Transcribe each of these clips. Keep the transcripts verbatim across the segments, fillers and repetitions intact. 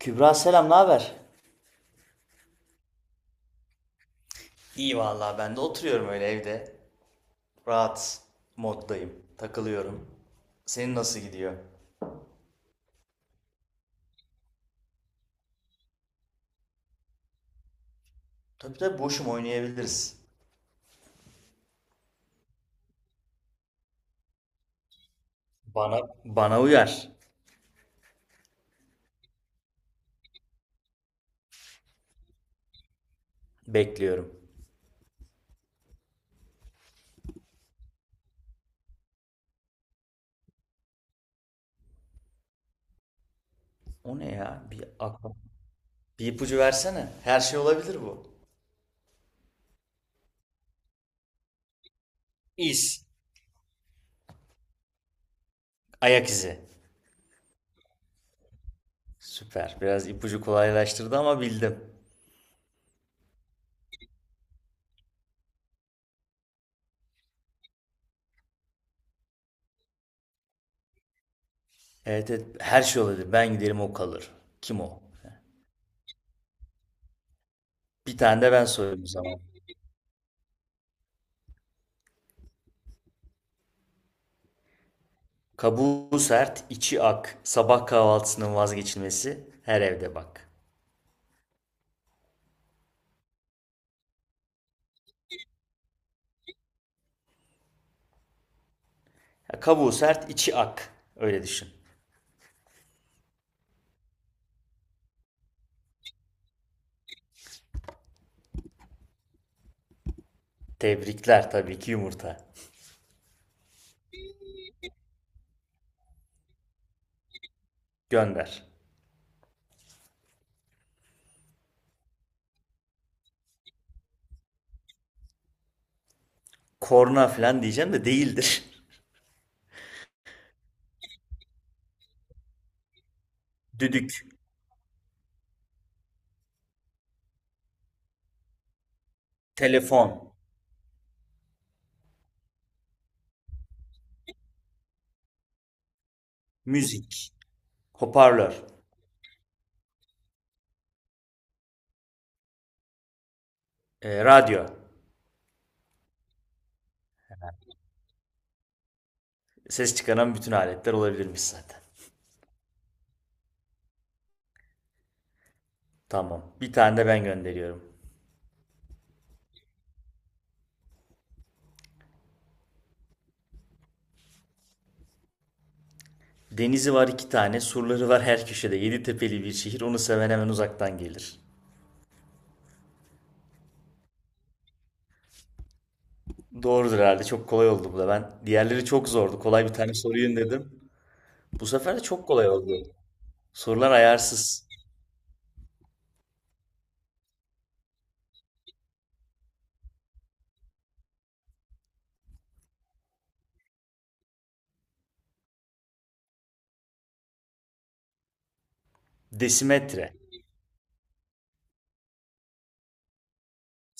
Kübra selam, ne haber? İyi vallahi ben de oturuyorum öyle evde. Rahat moddayım. Takılıyorum. Senin nasıl gidiyor? Tabii tabii boşum, oynayabiliriz. Bana bana uyar. Bekliyorum. O ne ya? Bir akla- Bir ipucu versene. Her şey olabilir bu. İz. Ayak izi. Süper. Biraz ipucu kolaylaştırdı ama bildim. Evet evet, her şey olabilir. Ben giderim o kalır. Kim o? Bir tane de ben sorayım o zaman. Kabuğu sert, içi ak. Sabah kahvaltısının vazgeçilmesi her evde bak. Ya, kabuğu sert, içi ak. Öyle düşün. Tebrikler, tabii ki yumurta. Gönder. Korna falan diyeceğim de değildir. Düdük, telefon, müzik, hoparlör, e, radyo. Ses çıkaran bütün aletler olabilirmiş zaten. Tamam. Bir tane de ben gönderiyorum. Denizi var iki tane, surları var her köşede. Yedi tepeli bir şehir, onu seven hemen uzaktan gelir. Doğrudur herhalde. Çok kolay oldu bu da. Ben, diğerleri çok zordu, kolay bir tane sorayım dedim. Bu sefer de çok kolay oldu. Sorular ayarsız. Desimetre,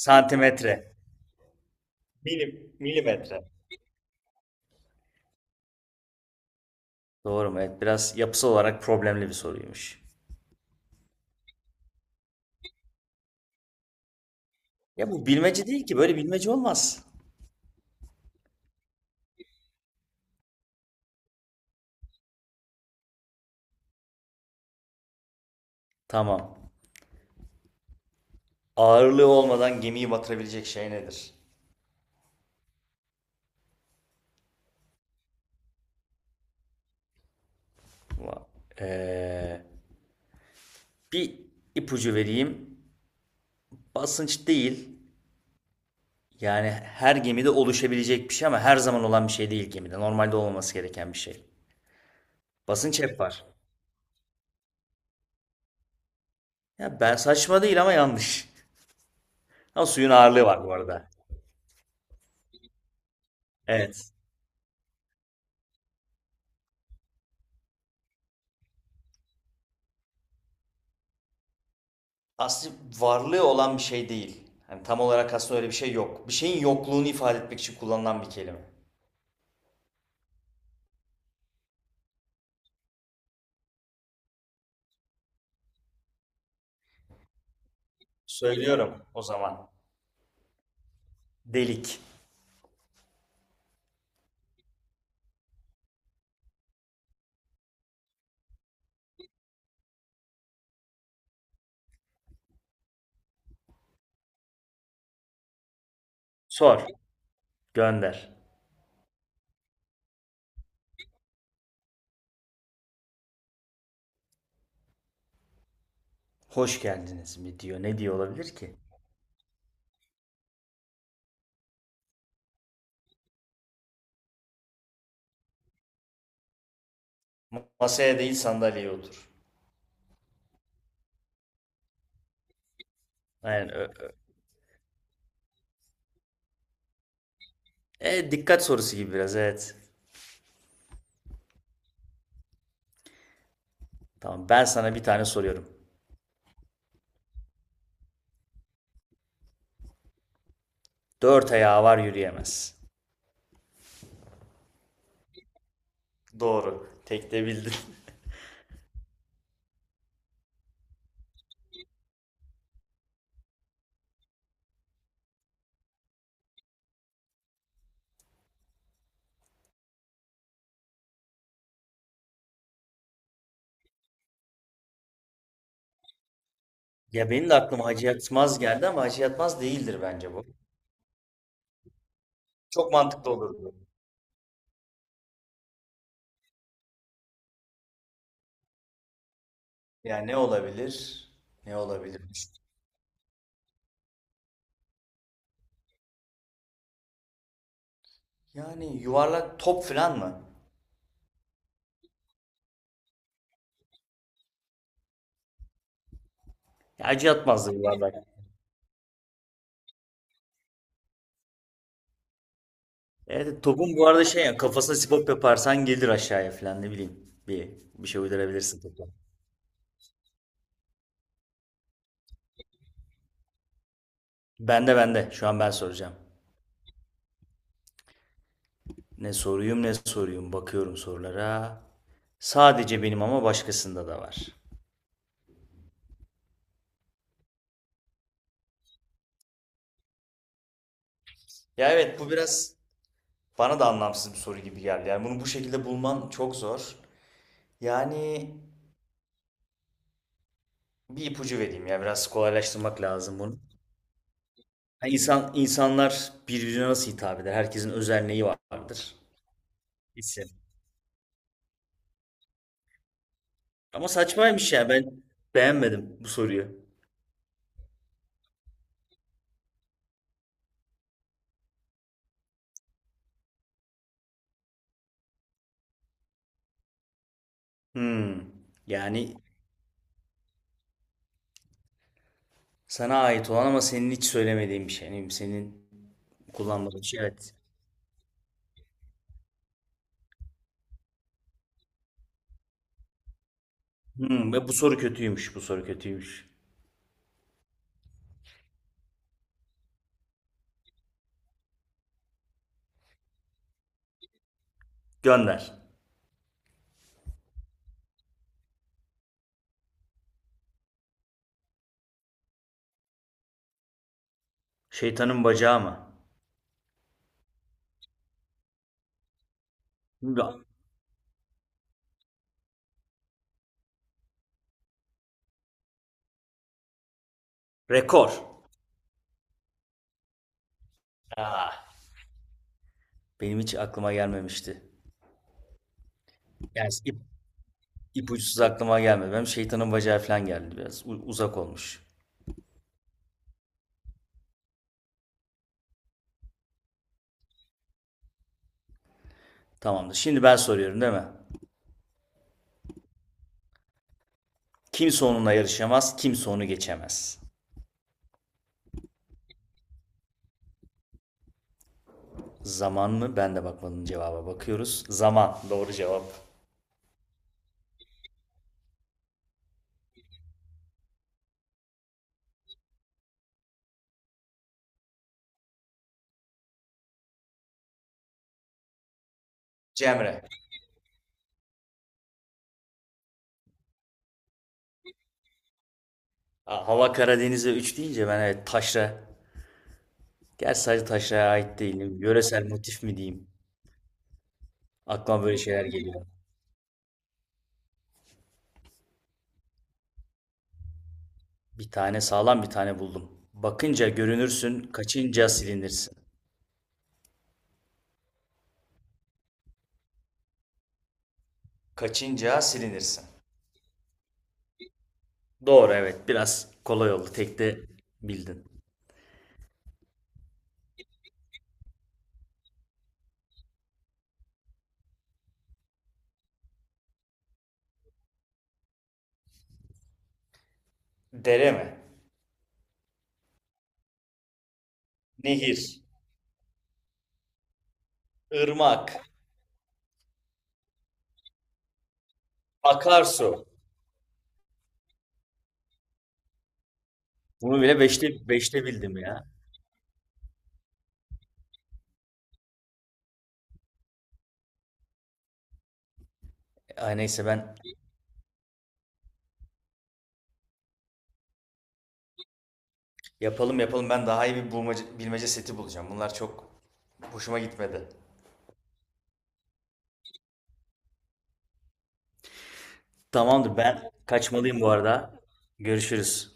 santimetre, milim, milimetre. Doğru mu? Evet, biraz yapısal olarak problemli bir soruymuş. Ya bu bilmece değil ki. Böyle bilmece olmaz. Tamam. Ağırlığı olmadan gemiyi batırabilecek şey nedir? Va- Ee, bir ipucu vereyim. Basınç değil. Yani her gemide oluşabilecek bir şey ama her zaman olan bir şey değil gemide. Normalde olmaması gereken bir şey. Basınç hep var. Ya ben, saçma değil ama yanlış. Ama suyun ağırlığı var bu arada. Evet. Aslında varlığı olan bir şey değil. Hani tam olarak aslında öyle bir şey yok. Bir şeyin yokluğunu ifade etmek için kullanılan bir kelime. Söylüyorum o zaman. Delik. Sor. Gönder. Hoş geldiniz mi diyor. Ne diyor olabilir ki? Masaya değil, sandalyeye otur. Aynen. ö- ö- E, dikkat sorusu gibi biraz, evet. Tamam, ben sana bir tane soruyorum. Dört ayağı var, yürüyemez. Doğru. Tek de bildin. Ya benim de aklıma Hacı Yatmaz geldi ama Hacı Yatmaz değildir bence bu. Çok mantıklı olurdu. Yani ne olabilir? Ne olabilir? Yani yuvarlak top falan mı? Ya Hacı Yatmaz da yuvarlak. Evet, topun bu arada şey, ya kafasına sipop yaparsan gelir aşağıya falan, ne bileyim. Bir, bir şey uydurabilirsin topa. Bende bende. Şu an ben soracağım. Ne soruyum ne soruyum, bakıyorum sorulara. Sadece benim ama başkasında da var. Ya evet, bu biraz bana da anlamsız bir soru gibi geldi. Yani bunu bu şekilde bulman çok zor. Yani bir ipucu vereyim, ya biraz kolaylaştırmak lazım bunu. Yani insan, insanlar birbirine nasıl hitap eder? Herkesin özelliği vardır. İsim. Ama saçmaymış ya, ben beğenmedim bu soruyu. Hmm. Yani sana ait olan ama senin hiç söylemediğin bir şey. Yani senin kullanmadığın bir şey. Evet. Hmm, ve bu soru kötüymüş, bu soru kötüymüş. Gönder. Şeytanın bacağı mı? Ya, rekor. Aa, benim hiç aklıma gelmemişti. Yani ip, ipuçsuz aklıma gelmedi. Benim şeytanın bacağı falan geldi biraz. U- uzak olmuş. Tamamdır. Şimdi ben soruyorum değil mi? Kimse onunla yarışamaz, kimse onu geçemez. Zaman mı? Ben de bakmadım cevaba. Bakıyoruz. Zaman. Doğru cevap. Cemre. Aa, Hava Karadeniz'e üç deyince, ben evet taşra. Gerçi sadece taşraya ait değil. Yöresel motif mi diyeyim? Aklıma böyle şeyler geliyor. Bir tane sağlam bir tane buldum. Bakınca görünürsün, kaçınca silinirsin. Kaçınca silinirsin. Doğru, evet. Biraz kolay oldu. Tek de bildin. Dere mi? Nehir. Irmak, akarsu. Bunu bile beşte, beşte bildim ya. Ay neyse, ben, yapalım yapalım. Ben daha iyi bir bulmaca, bilmece seti bulacağım. Bunlar çok hoşuma gitmedi. Tamamdır, ben kaçmalıyım bu arada. Görüşürüz.